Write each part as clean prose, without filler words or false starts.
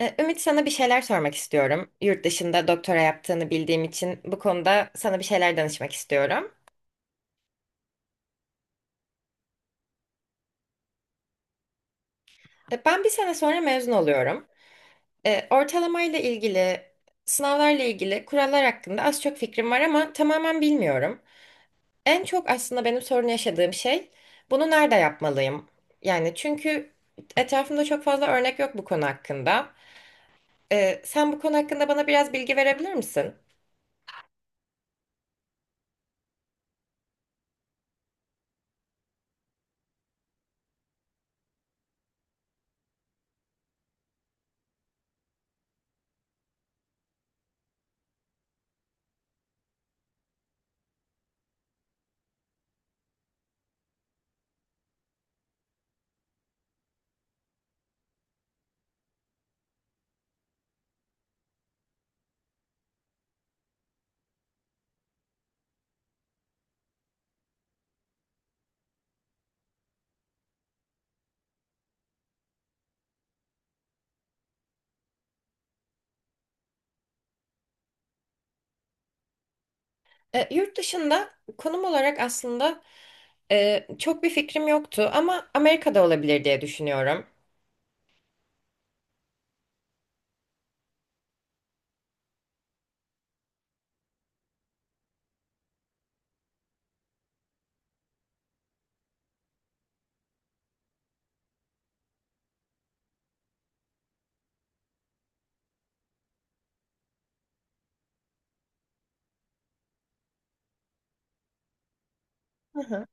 Ümit, sana bir şeyler sormak istiyorum. Yurt dışında doktora yaptığını bildiğim için bu konuda sana bir şeyler danışmak istiyorum. Ben bir sene sonra mezun oluyorum. Ortalamayla ilgili, sınavlarla ilgili kurallar hakkında az çok fikrim var ama tamamen bilmiyorum. En çok aslında benim sorun yaşadığım şey bunu nerede yapmalıyım? Yani çünkü etrafımda çok fazla örnek yok bu konu hakkında. Sen bu konu hakkında bana biraz bilgi verebilir misin? Yurt dışında konum olarak aslında çok bir fikrim yoktu ama Amerika'da olabilir diye düşünüyorum. Hı hı.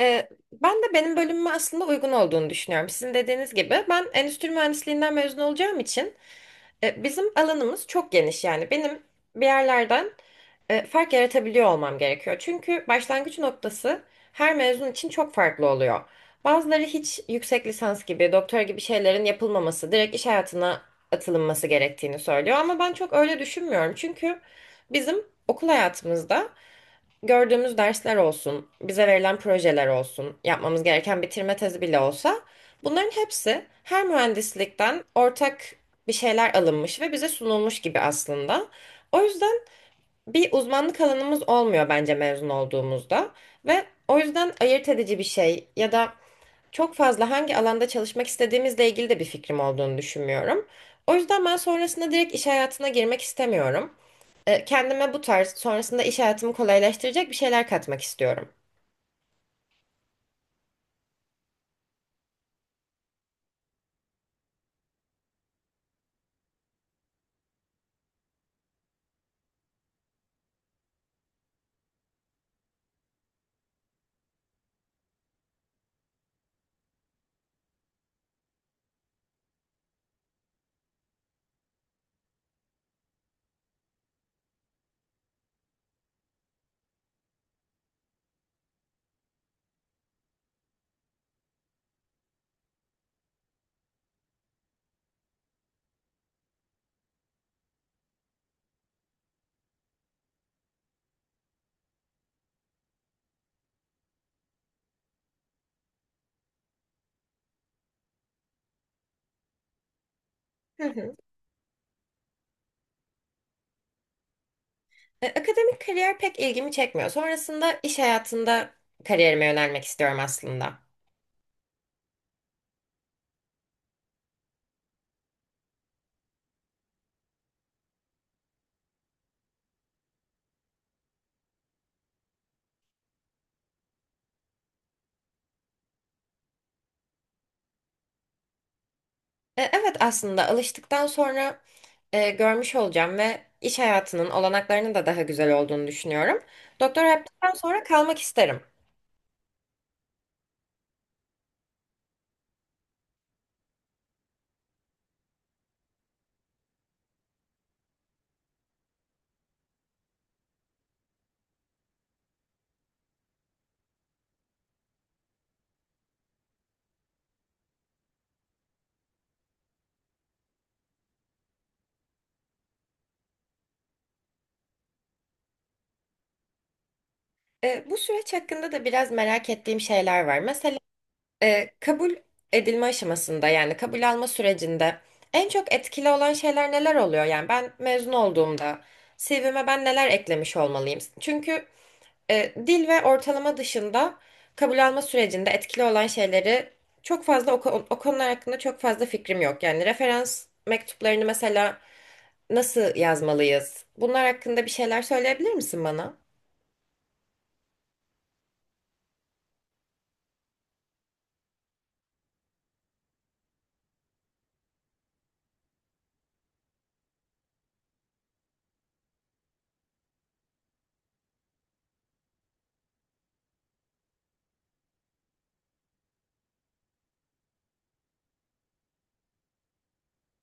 Ben de benim bölümüme aslında uygun olduğunu düşünüyorum. Sizin dediğiniz gibi ben endüstri mühendisliğinden mezun olacağım için bizim alanımız çok geniş yani. Benim bir yerlerden fark yaratabiliyor olmam gerekiyor. Çünkü başlangıç noktası her mezun için çok farklı oluyor. Bazıları hiç yüksek lisans gibi, doktora gibi şeylerin yapılmaması, direkt iş hayatına atılınması gerektiğini söylüyor. Ama ben çok öyle düşünmüyorum. Çünkü bizim okul hayatımızda gördüğümüz dersler olsun, bize verilen projeler olsun, yapmamız gereken bitirme tezi bile olsa bunların hepsi her mühendislikten ortak bir şeyler alınmış ve bize sunulmuş gibi aslında. O yüzden bir uzmanlık alanımız olmuyor bence mezun olduğumuzda ve o yüzden ayırt edici bir şey ya da çok fazla hangi alanda çalışmak istediğimizle ilgili de bir fikrim olduğunu düşünmüyorum. O yüzden ben sonrasında direkt iş hayatına girmek istemiyorum. Kendime bu tarz sonrasında iş hayatımı kolaylaştıracak bir şeyler katmak istiyorum. Hı hı. Akademik kariyer pek ilgimi çekmiyor. Sonrasında iş hayatında kariyerime yönelmek istiyorum aslında. Evet, aslında alıştıktan sonra görmüş olacağım ve iş hayatının olanaklarının da daha güzel olduğunu düşünüyorum. Doktora yaptıktan sonra kalmak isterim. Bu süreç hakkında da biraz merak ettiğim şeyler var. Mesela kabul edilme aşamasında yani kabul alma sürecinde en çok etkili olan şeyler neler oluyor? Yani ben mezun olduğumda CV'me ben neler eklemiş olmalıyım? Çünkü dil ve ortalama dışında kabul alma sürecinde etkili olan şeyleri çok fazla o konular hakkında çok fazla fikrim yok. Yani referans mektuplarını mesela nasıl yazmalıyız? Bunlar hakkında bir şeyler söyleyebilir misin bana?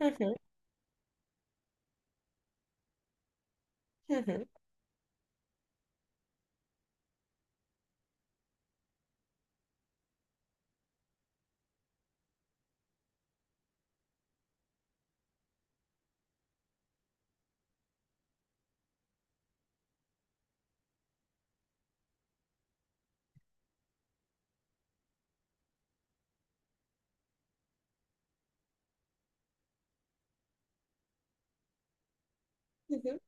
Hı hı, hı hı.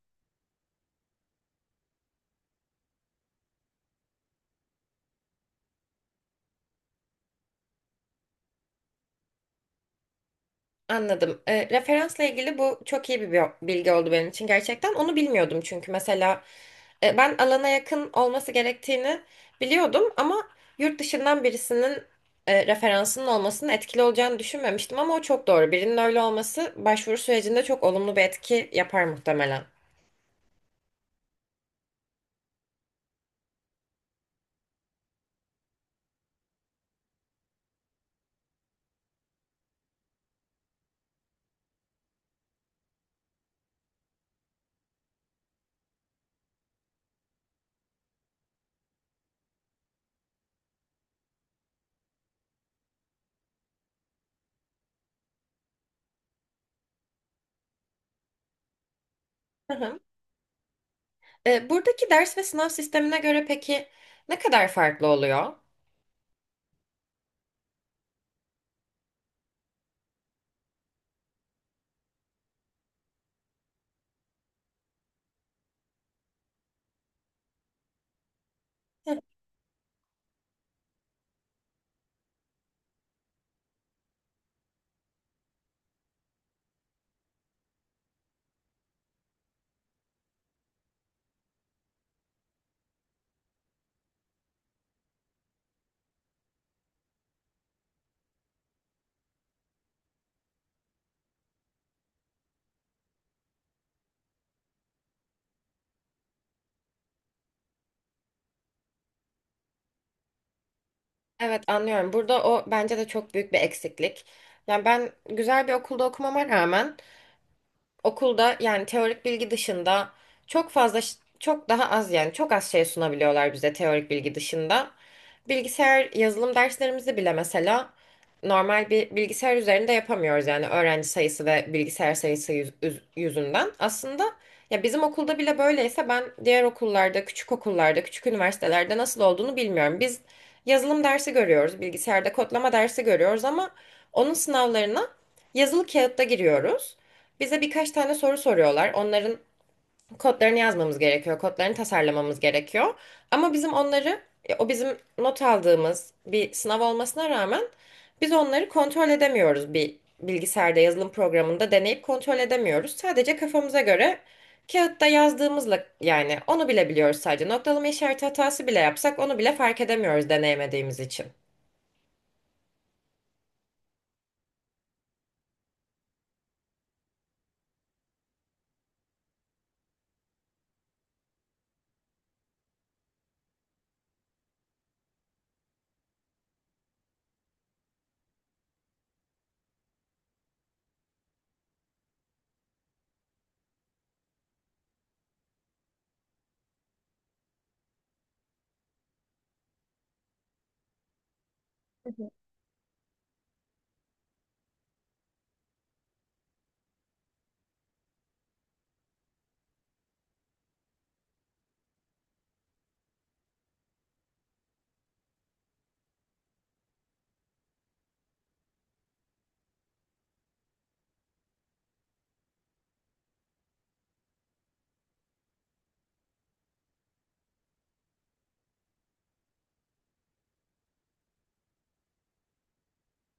Anladım. Referansla ilgili bu çok iyi bir bilgi oldu benim için gerçekten. Onu bilmiyordum çünkü mesela ben alana yakın olması gerektiğini biliyordum ama yurt dışından birisinin referansının olmasının etkili olacağını düşünmemiştim ama o çok doğru. Birinin öyle olması başvuru sürecinde çok olumlu bir etki yapar muhtemelen. Hı hı. Buradaki ders ve sınav sistemine göre peki ne kadar farklı oluyor? Hı. Evet, anlıyorum. Burada o bence de çok büyük bir eksiklik. Yani ben güzel bir okulda okumama rağmen okulda yani teorik bilgi dışında çok fazla çok daha az yani çok az şey sunabiliyorlar bize teorik bilgi dışında. Bilgisayar yazılım derslerimizi bile mesela normal bir bilgisayar üzerinde yapamıyoruz yani öğrenci sayısı ve bilgisayar sayısı yüzünden. Aslında ya bizim okulda bile böyleyse ben diğer okullarda, küçük okullarda, küçük üniversitelerde nasıl olduğunu bilmiyorum. Biz yazılım dersi görüyoruz, bilgisayarda kodlama dersi görüyoruz ama onun sınavlarına yazılı kağıtta giriyoruz. Bize birkaç tane soru soruyorlar. Onların kodlarını yazmamız gerekiyor, kodlarını tasarlamamız gerekiyor. Ama bizim onları, o bizim not aldığımız bir sınav olmasına rağmen biz onları kontrol edemiyoruz. Bir bilgisayarda yazılım programında deneyip kontrol edemiyoruz. Sadece kafamıza göre kağıtta yazdığımızla yani onu bile biliyoruz sadece. Noktalama işareti hatası bile yapsak onu bile fark edemiyoruz deneyemediğimiz için.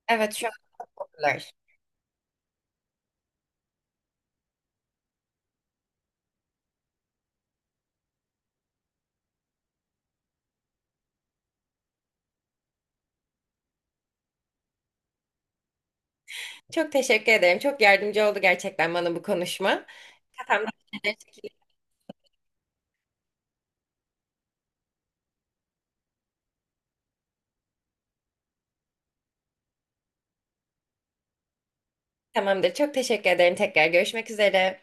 Evet, şu an bunlar. Çok teşekkür ederim. Çok yardımcı oldu gerçekten bana bu konuşma. Kafamda. Tamamdır. Çok teşekkür ederim. Tekrar görüşmek üzere.